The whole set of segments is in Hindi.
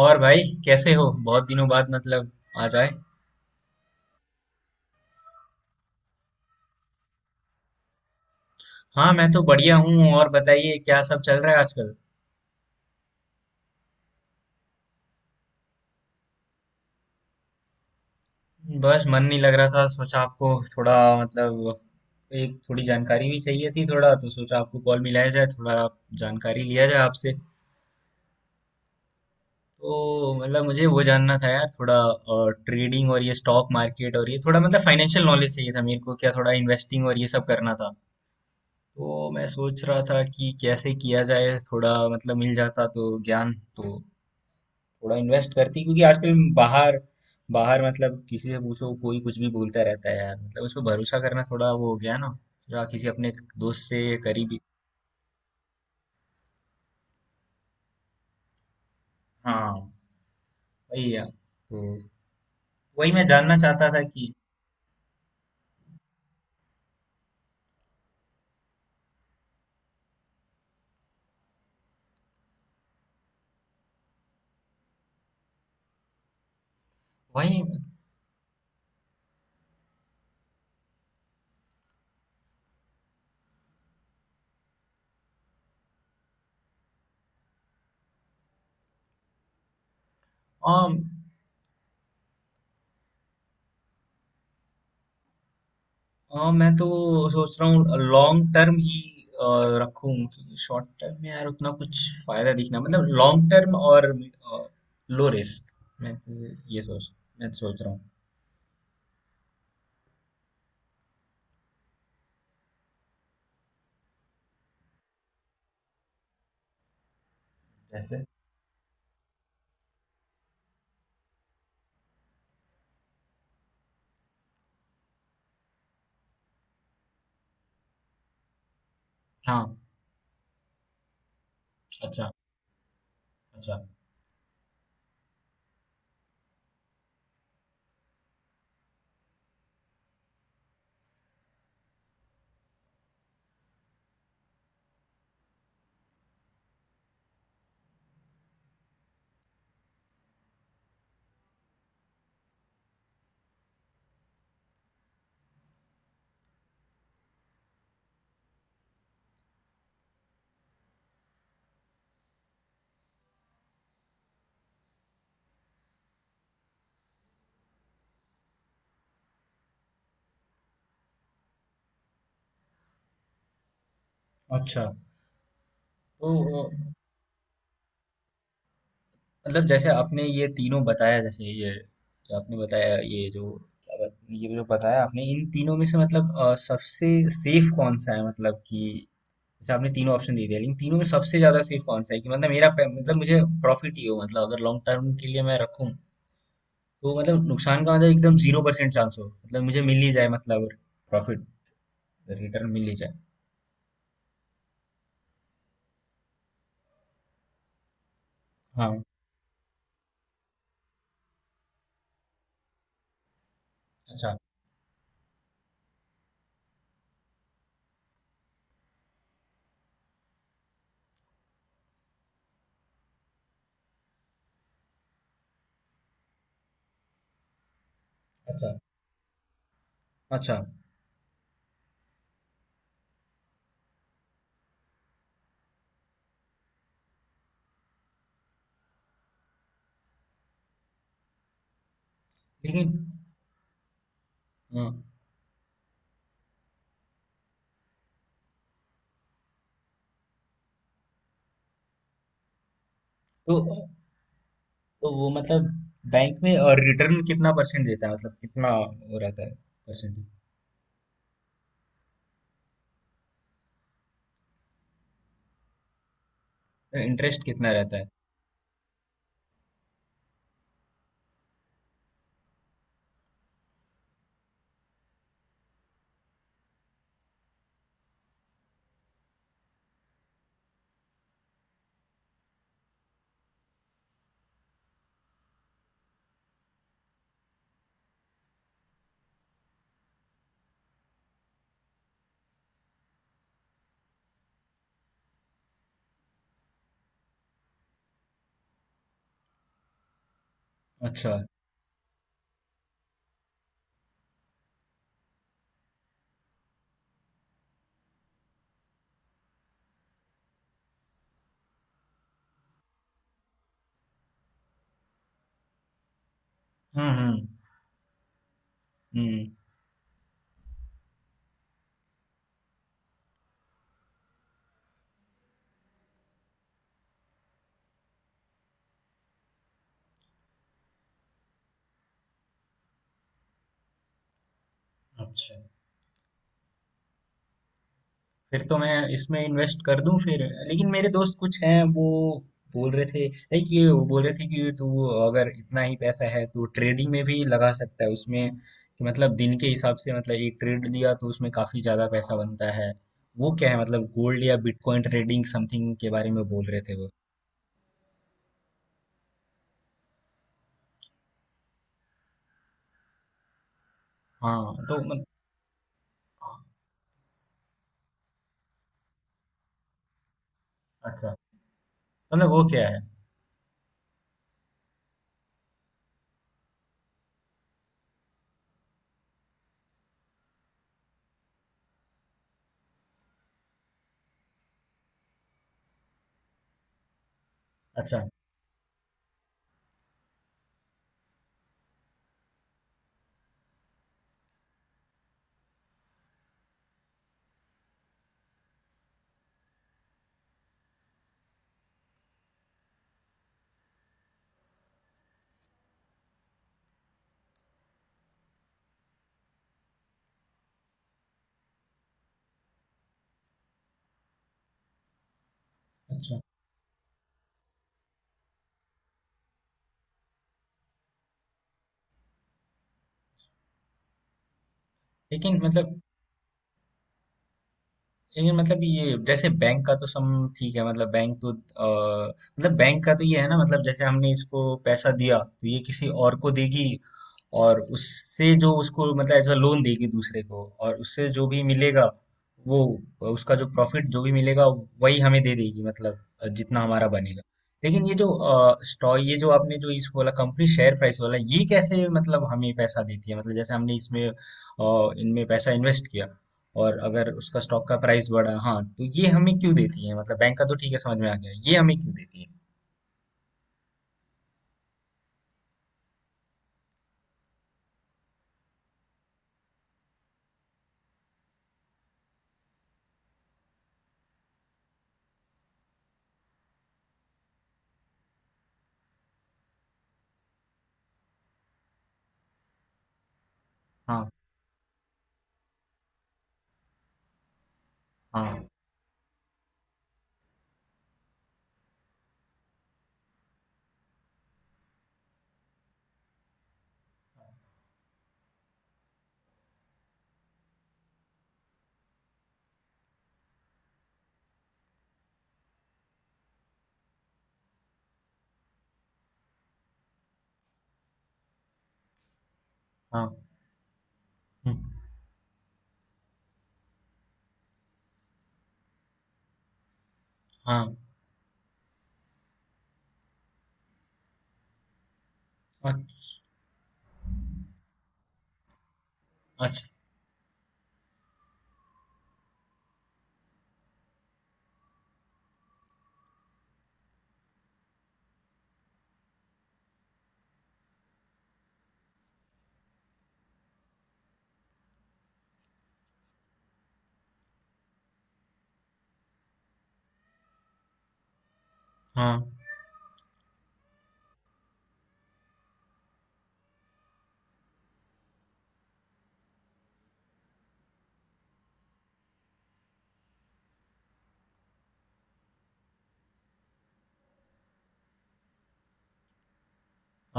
और भाई कैसे हो? बहुत दिनों बाद मतलब आ जाए। हाँ, मैं तो बढ़िया हूँ। और बताइए, क्या सब चल रहा है आजकल? बस मन नहीं लग रहा था, सोचा आपको थोड़ा मतलब एक थोड़ी जानकारी भी चाहिए थी थोड़ा, तो सोचा आपको कॉल मिलाया जाए, थोड़ा आप जानकारी लिया जाए आपसे। तो मतलब मुझे वो जानना था यार, थोड़ा ट्रेडिंग और ये स्टॉक मार्केट और ये थोड़ा मतलब फाइनेंशियल नॉलेज चाहिए था मेरे को, क्या थोड़ा इन्वेस्टिंग और ये सब करना था। तो मैं सोच रहा था कि कैसे किया जाए, थोड़ा मतलब मिल जाता तो ज्ञान तो थोड़ा इन्वेस्ट करती क्योंकि आजकल बाहर बाहर मतलब किसी से पूछो कोई कुछ भी बोलता रहता है यार, मतलब उस पर भरोसा करना थोड़ा वो हो गया ना, या किसी अपने दोस्त से करीबी। हाँ, वही है। तो वही मैं जानना चाहता था कि वही। आम, आम, मैं तो सोच रहा हूँ लॉन्ग टर्म ही अ, रखूं क्योंकि शॉर्ट टर्म में यार उतना कुछ फायदा दिखना मतलब लॉन्ग टर्म और लो रिस्क मैं तो ये सोच, मैं तो सोच रहा हूँ। जैसे हाँ, अच्छा अच्छा अच्छा। तो अ, मतलब जैसे आपने ये तीनों बताया, जैसे ये जो आपने बताया, ये जो ये जो बताया आपने, इन तीनों में से मतलब सबसे सेफ कौन सा है, मतलब कि जैसे आपने तीनों ऑप्शन दे दिया, लेकिन तीनों में सबसे ज्यादा सेफ कौन सा है कि मतलब मतलब मुझे प्रॉफिट ही हो, मतलब अगर लॉन्ग टर्म के लिए मैं रखूं तो मतलब नुकसान का मतलब एकदम 0% चांस हो, मतलब मुझे मिल ही जाए मतलब प्रॉफिट, रिटर्न मिल ही जाए। हाँ, अच्छा अच्छा अच्छा। लेकिन हाँ, तो तो वो मतलब बैंक में और रिटर्न कितना परसेंट देता है, मतलब कितना वो रहता है परसेंट, इंटरेस्ट कितना रहता है? अच्छा। हम्म हम्म हम्म। अच्छा, फिर तो मैं इसमें इन्वेस्ट कर दूं फिर। लेकिन मेरे दोस्त कुछ हैं, वो बोल रहे थे लाइक, ये वो बोल रहे थे कि तू अगर इतना ही पैसा है तो ट्रेडिंग में भी लगा सकता है, उसमें कि मतलब दिन के हिसाब से मतलब एक ट्रेड लिया तो उसमें काफी ज्यादा पैसा बनता है। वो क्या है मतलब गोल्ड या बिटकॉइन ट्रेडिंग समथिंग के बारे में बोल रहे थे वो। हाँ तो अच्छा, मतलब वो क्या है? अच्छा, अच्छा। लेकिन मतलब, लेकिन मतलब ये जैसे बैंक का तो सम, ठीक है मतलब बैंक तो मतलब बैंक का तो ये है ना, मतलब जैसे हमने इसको पैसा दिया तो ये किसी और को देगी, और उससे जो उसको मतलब एज अ लोन देगी दूसरे को, और उससे जो भी मिलेगा वो उसका जो प्रॉफिट जो भी मिलेगा वही हमें दे देगी, मतलब जितना हमारा बनेगा। लेकिन ये जो स्टॉक, ये जो आपने जो इस बोला कंपनी शेयर प्राइस वाला ये कैसे मतलब हमें पैसा देती है, मतलब जैसे हमने इसमें इनमें पैसा इन्वेस्ट किया और अगर उसका स्टॉक का प्राइस बढ़ा, हाँ, तो ये हमें क्यों देती है? मतलब बैंक का तो ठीक है, समझ में आ गया, ये हमें क्यों देती है? हाँ हाँ हाँ। हम्म, हाँ, अच्छा। अच्छा, हाँ।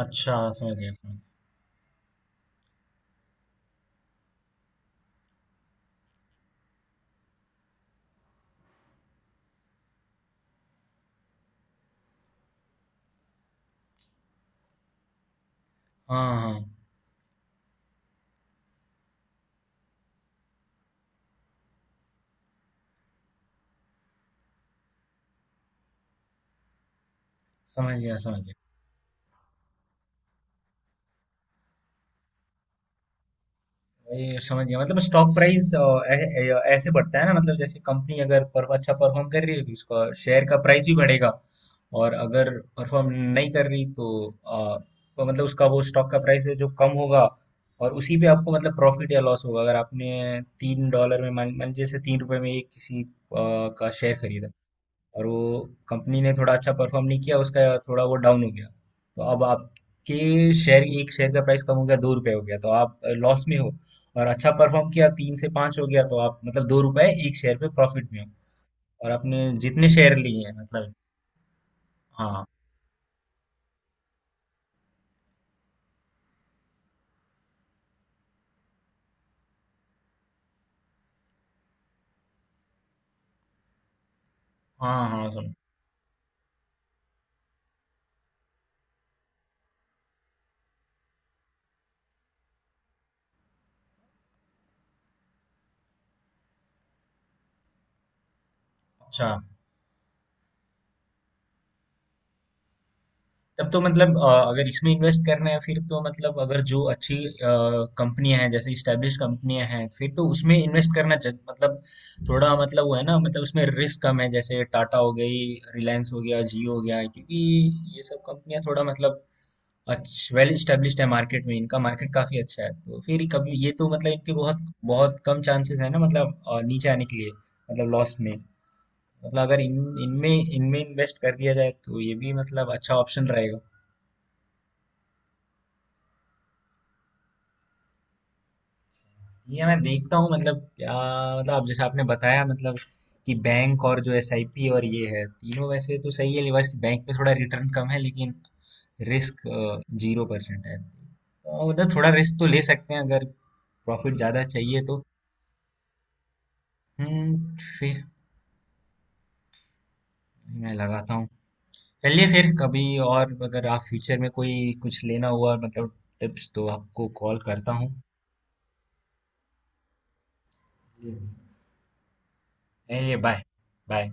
अच्छा, समझ गया समझ गया। हाँ, हाँ, समझ गया समझ गया। ये समझ गया, मतलब स्टॉक प्राइस ऐसे बढ़ता है ना, मतलब जैसे कंपनी अगर अच्छा परफॉर्म कर रही है तो उसका शेयर का प्राइस भी बढ़ेगा, और अगर परफॉर्म नहीं कर रही तो, अ, तो मतलब उसका वो स्टॉक का प्राइस है जो कम होगा, और उसी पे आपको मतलब प्रॉफिट या लॉस होगा। अगर आपने तीन डॉलर में मान मान लीजिए जैसे तीन रुपए में ये किसी का शेयर खरीदा, और वो कंपनी ने थोड़ा अच्छा परफॉर्म नहीं किया, उसका थोड़ा वो डाउन हो गया, तो अब आपके शेयर एक शेयर का प्राइस कम हो गया, दो रुपए हो गया, तो आप लॉस में हो। और अच्छा परफॉर्म किया, तीन से पाँच हो गया, तो आप मतलब दो रुपए एक शेयर पे प्रॉफिट में हो, और आपने जितने शेयर लिए हैं मतलब। हाँ हाँ हाँ सुनो। अच्छा, तब तो मतलब अगर इसमें इन्वेस्ट करना है फिर तो मतलब अगर जो अच्छी कंपनियां हैं, जैसे इस्टेब्लिश कंपनियां हैं, फिर तो उसमें इन्वेस्ट करना मतलब थोड़ा मतलब वो है ना, मतलब उसमें रिस्क कम है, जैसे टाटा हो गई, रिलायंस हो गया, जियो हो गया, क्योंकि ये सब कंपनियां थोड़ा मतलब अच्छा वेल इस्टेब्लिश्ड है, मार्केट में इनका मार्केट काफी अच्छा है, तो फिर कभी ये तो मतलब इनके बहुत बहुत कम चांसेस है ना, मतलब नीचे आने के लिए, मतलब लॉस में, मतलब अगर इन इनमें इनमें इन्वेस्ट कर दिया जाए तो ये भी मतलब अच्छा ऑप्शन रहेगा। ये मैं देखता हूँ, मतलब क्या मतलब आप जैसे आपने बताया मतलब कि बैंक और जो एसआईपी और ये है, तीनों वैसे तो सही है, बस बैंक पे थोड़ा रिटर्न कम है लेकिन रिस्क 0% है, तो मतलब थोड़ा रिस्क तो ले सकते हैं अगर प्रॉफिट ज़्यादा चाहिए तो। हम्म, फिर मैं लगाता हूँ। चलिए, फिर कभी और अगर आप फ्यूचर में कोई कुछ लेना हुआ मतलब टिप्स तो आपको कॉल करता हूँ। चलिए, बाय। Bye bye.